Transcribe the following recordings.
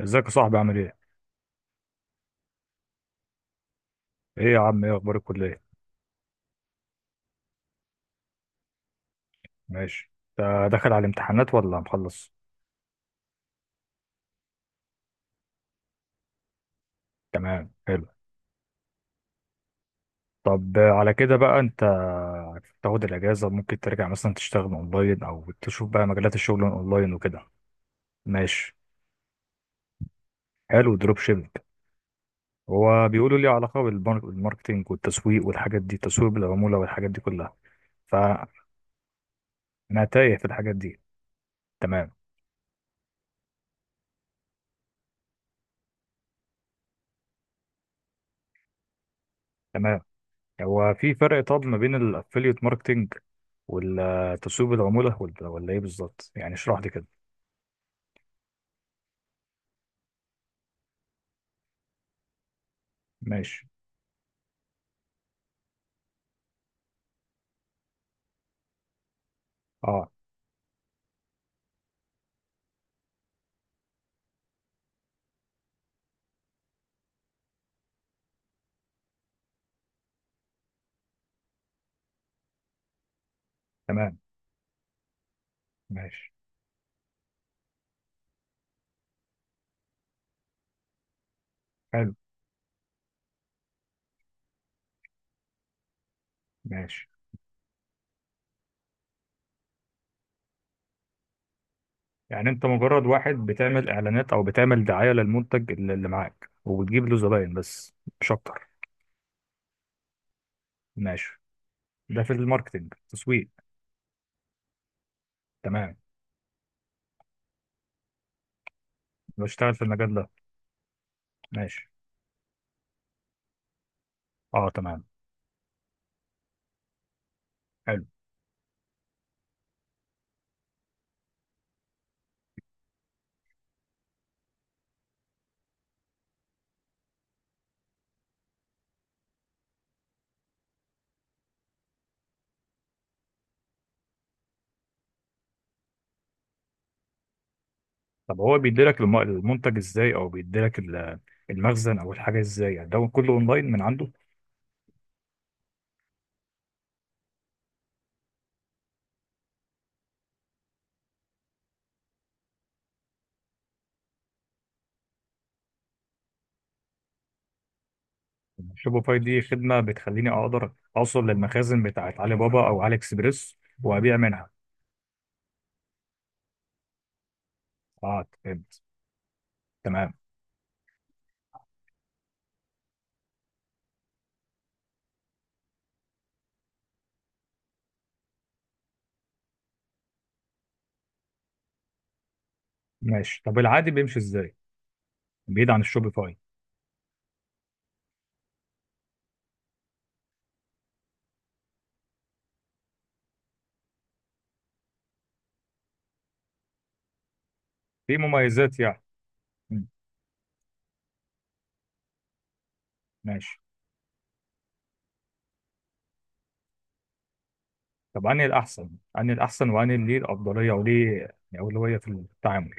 ازيك يا صاحبي، عامل ايه؟ ايه يا عم، ايه اخبار الكلية؟ ماشي. انت داخل على الامتحانات ولا مخلص؟ تمام، حلو. طب على كده بقى انت تاخد الاجازة، ممكن ترجع مثلا تشتغل اونلاين او تشوف بقى مجالات الشغل اونلاين وكده. ماشي. حلو، دروب شيبنج. هو بيقولوا لي علاقة بالماركتينج والتسويق والحاجات دي، تسويق بالعمولة والحاجات دي كلها. فانا تايه في الحاجات دي. تمام. تمام. هو في فرق طب ما بين الافيليت ماركتينج ولا تسويق بالعمولة، ولا ايه بالظبط؟ يعني اشرح لي كده. ماشي. اه. تمام. ماشي. حلو. ماشي. يعني انت مجرد واحد بتعمل اعلانات او بتعمل دعاية للمنتج اللي معاك، وبتجيب له زباين بس، مش اكتر. ماشي. ده في الماركتينج، تسويق. تمام. بشتغل في المجال ده. ماشي. اه. تمام. حلو. طب هو بيديلك المنتج ازاي او بيديلك المخزن او الحاجة ازاي؟ يعني ده كله اونلاين من عنده. شوبيفاي دي خدمة بتخليني أقدر أوصل للمخازن بتاعت علي بابا أو علي إكسبريس وأبيع منها. آه، فهمت. تمام. ماشي. طب العادي بيمشي إزاي؟ بعيد عن الشوبيفاي. في مميزات يعني. مم. ماشي. طب أنهي الأحسن؟ أنهي الأحسن وأنهي اللي ليه الأفضلية وليه يعني أولوية في التعامل؟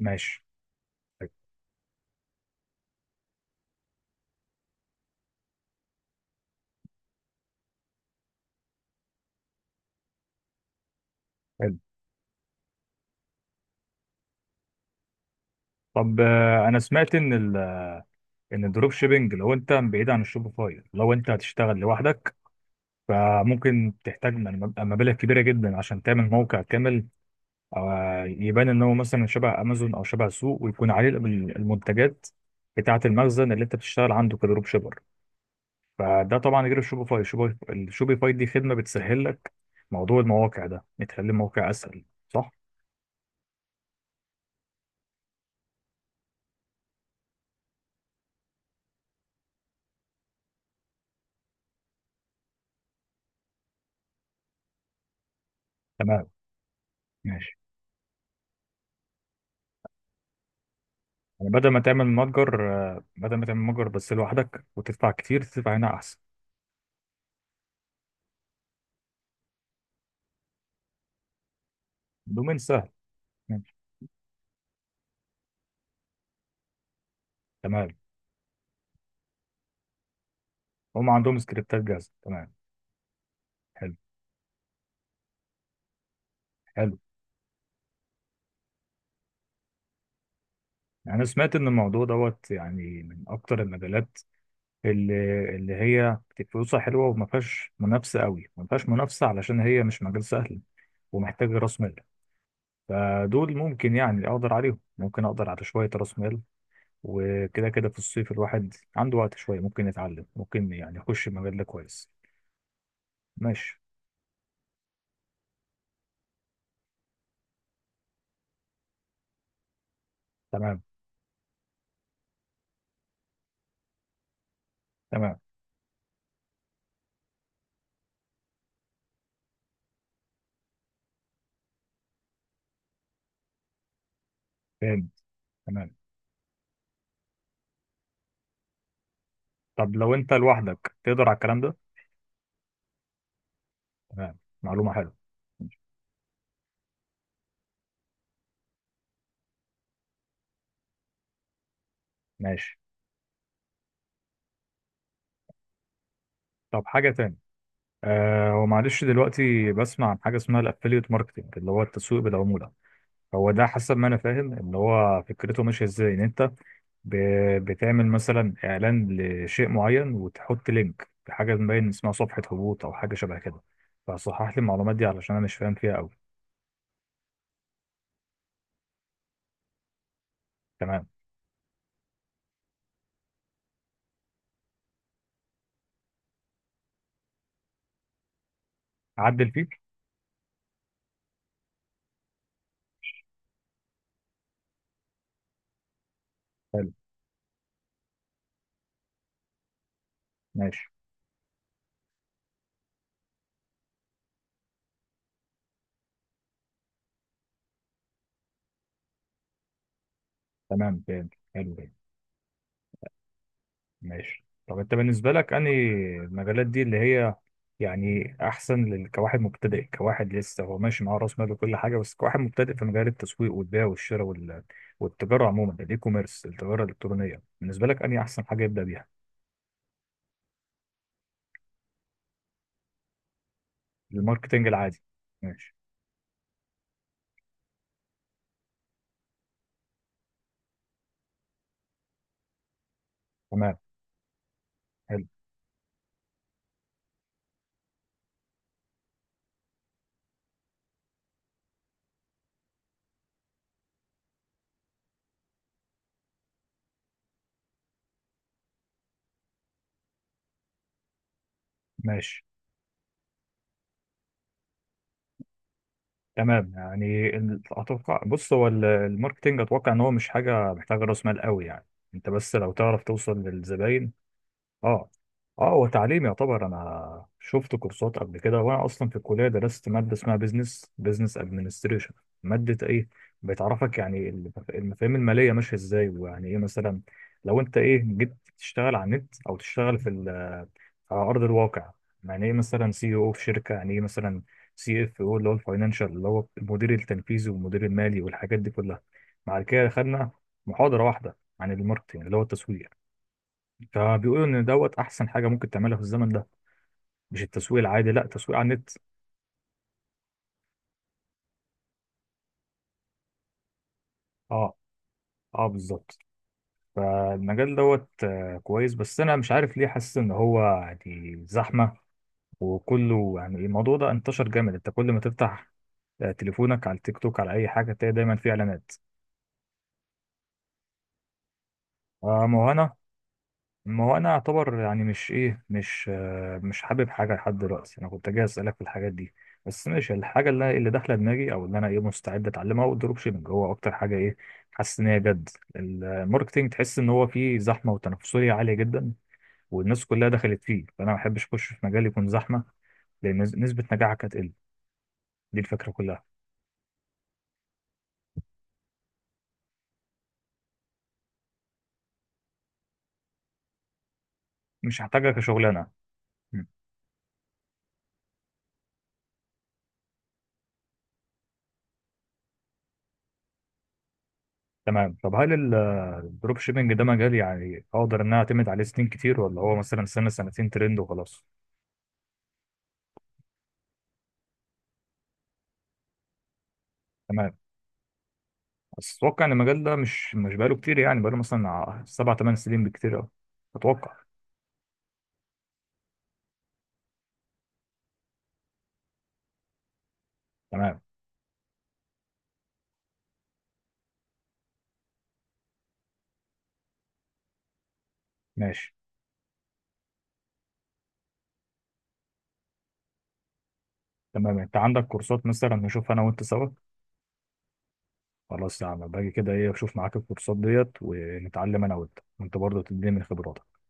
ماشي. طيب، حلو. طب أنا سمعت إن إن الدروب شيبينج، لو أنت بعيد عن الشوبيفاي، لو أنت هتشتغل لوحدك، فممكن تحتاج مبالغ كبيرة جدا عشان تعمل موقع كامل، أو يبان إن هو مثلا شبه أمازون أو شبه سوق، ويكون عليه المنتجات بتاعة المخزن اللي أنت بتشتغل عنده كدروب شيبر. فده طبعا غير الشوبيفاي. الشوبيفاي دي خدمة بتسهل لك موضوع المواقع ده، بتخلي الموقع أسهل، صح؟ تمام. ماشي. يعني بدل ما تعمل متجر بس لوحدك وتدفع كتير، تدفع هنا أحسن. دومين سهل. ماشي. تمام. هم عندهم سكريبتات جاهزة. تمام. حلو حلو. يعني أنا سمعت إن الموضوع دوت يعني من أكتر المجالات اللي اللي هي فلوسها حلوه، وما فيهاش منافسه قوي، ما فيهاش منافسه علشان هي مش مجال سهل، ومحتاج راس مال. فدول ممكن يعني اقدر عليهم، ممكن اقدر على شويه راس مال. وكده كده في الصيف الواحد عنده وقت شويه، ممكن يتعلم، ممكن يعني يخش المجال ده كويس. ماشي. تمام تمام. فاهم. تمام. طب لو انت لوحدك تقدر على الكلام ده؟ تمام. معلومه حلوه. ماشي. طب حاجه تاني، آه، ومعلش دلوقتي بسمع عن حاجه اسمها الافيليت ماركتنج اللي هو التسويق بالعموله. هو ده حسب ما انا فاهم، ان هو فكرته ماشيه ازاي، ان انت بتعمل مثلا اعلان لشيء معين، وتحط لينك لحاجه مبين اسمها صفحه هبوط او حاجه شبه كده. فصحح لي المعلومات دي علشان انا مش فاهم فيها قوي. تمام. عدل فيه. حلو. ماشي. تمام، فهمت. حلو. ماشي. طب انت بالنسبة لك انهي المجالات دي اللي هي يعني احسن كواحد مبتدئ، كواحد لسه هو ماشي معاه راس مال وكل حاجة، بس كواحد مبتدئ في مجال التسويق والبيع والشراء والتجارة عموما، الاي كوميرس، التجارة الالكترونية، بالنسبة لك انهي احسن حاجة يبدأ بيها؟ الماركتينج العادي. ماشي. تمام. حلو. ماشي. تمام. يعني اتوقع، بص هو الماركتينج، اتوقع ان هو مش حاجة محتاجة راس مال قوي يعني، انت بس لو تعرف توصل للزباين. اه. اه، هو تعليم يعتبر. انا شفت كورسات قبل كده، وانا اصلا في الكليه درست ماده اسمها بزنس ادمنستريشن. ماده ايه بتعرفك يعني المفاهيم الماليه ماشيه ازاي، ويعني ايه مثلا لو انت جيت تشتغل على النت او تشتغل في على ارض الواقع. يعني ايه مثلا سي او في شركه، يعني ايه مثلا سي اف او، اللي هو الفاينانشال، اللي هو المدير التنفيذي والمدير المالي والحاجات دي كلها. بعد كده خدنا محاضره واحده عن الماركتنج اللي هو التسويق. فبيقولوا ان دوت احسن حاجه ممكن تعملها في الزمن ده، مش التسويق العادي، لا، تسويق على النت. اه. اه، بالظبط. فالمجال دوت كويس، بس انا مش عارف ليه حاسس ان هو يعني زحمه، وكله يعني الموضوع ده انتشر جامد، انت كل ما تفتح تليفونك على التيك توك على اي حاجه، تلاقي دايما فيه اعلانات. آه، ما هو انا ما هو انا اعتبر يعني، مش ايه، مش حابب حاجه لحد دلوقتي. انا كنت جاي اسالك في الحاجات دي بس. ماشي. الحاجه اللي داخله دماغي، او اللي انا مستعد اتعلمها، هو الدروب شيبنج. هو اكتر حاجه ايه حاسس ان هي جد. الماركتينج تحس ان هو فيه زحمه وتنافسيه عاليه جدا، والناس كلها دخلت فيه، فانا ما بحبش اخش في مجال يكون زحمه، لان نسبه نجاحك هتقل. دي الفكره كلها. مش هحتاجها كشغلانه. مم. تمام. طب هل الدروب شيبنج ده مجال يعني اقدر ان انا اعتمد عليه سنين كتير، ولا هو مثلا سنه سنتين ترند وخلاص؟ تمام. بس اتوقع ان المجال ده مش بقاله كتير، يعني بقاله مثلا 7 8 سنين بكتير قوي. اتوقع. تمام. ماشي. تمام. انت عندك كورسات مثلا، نشوف انا وانت سوا؟ خلاص يا عم، باجي كده ايه، اشوف معاك الكورسات ديت ونتعلم انا وانت، وانت برضه تديني من خبراتك.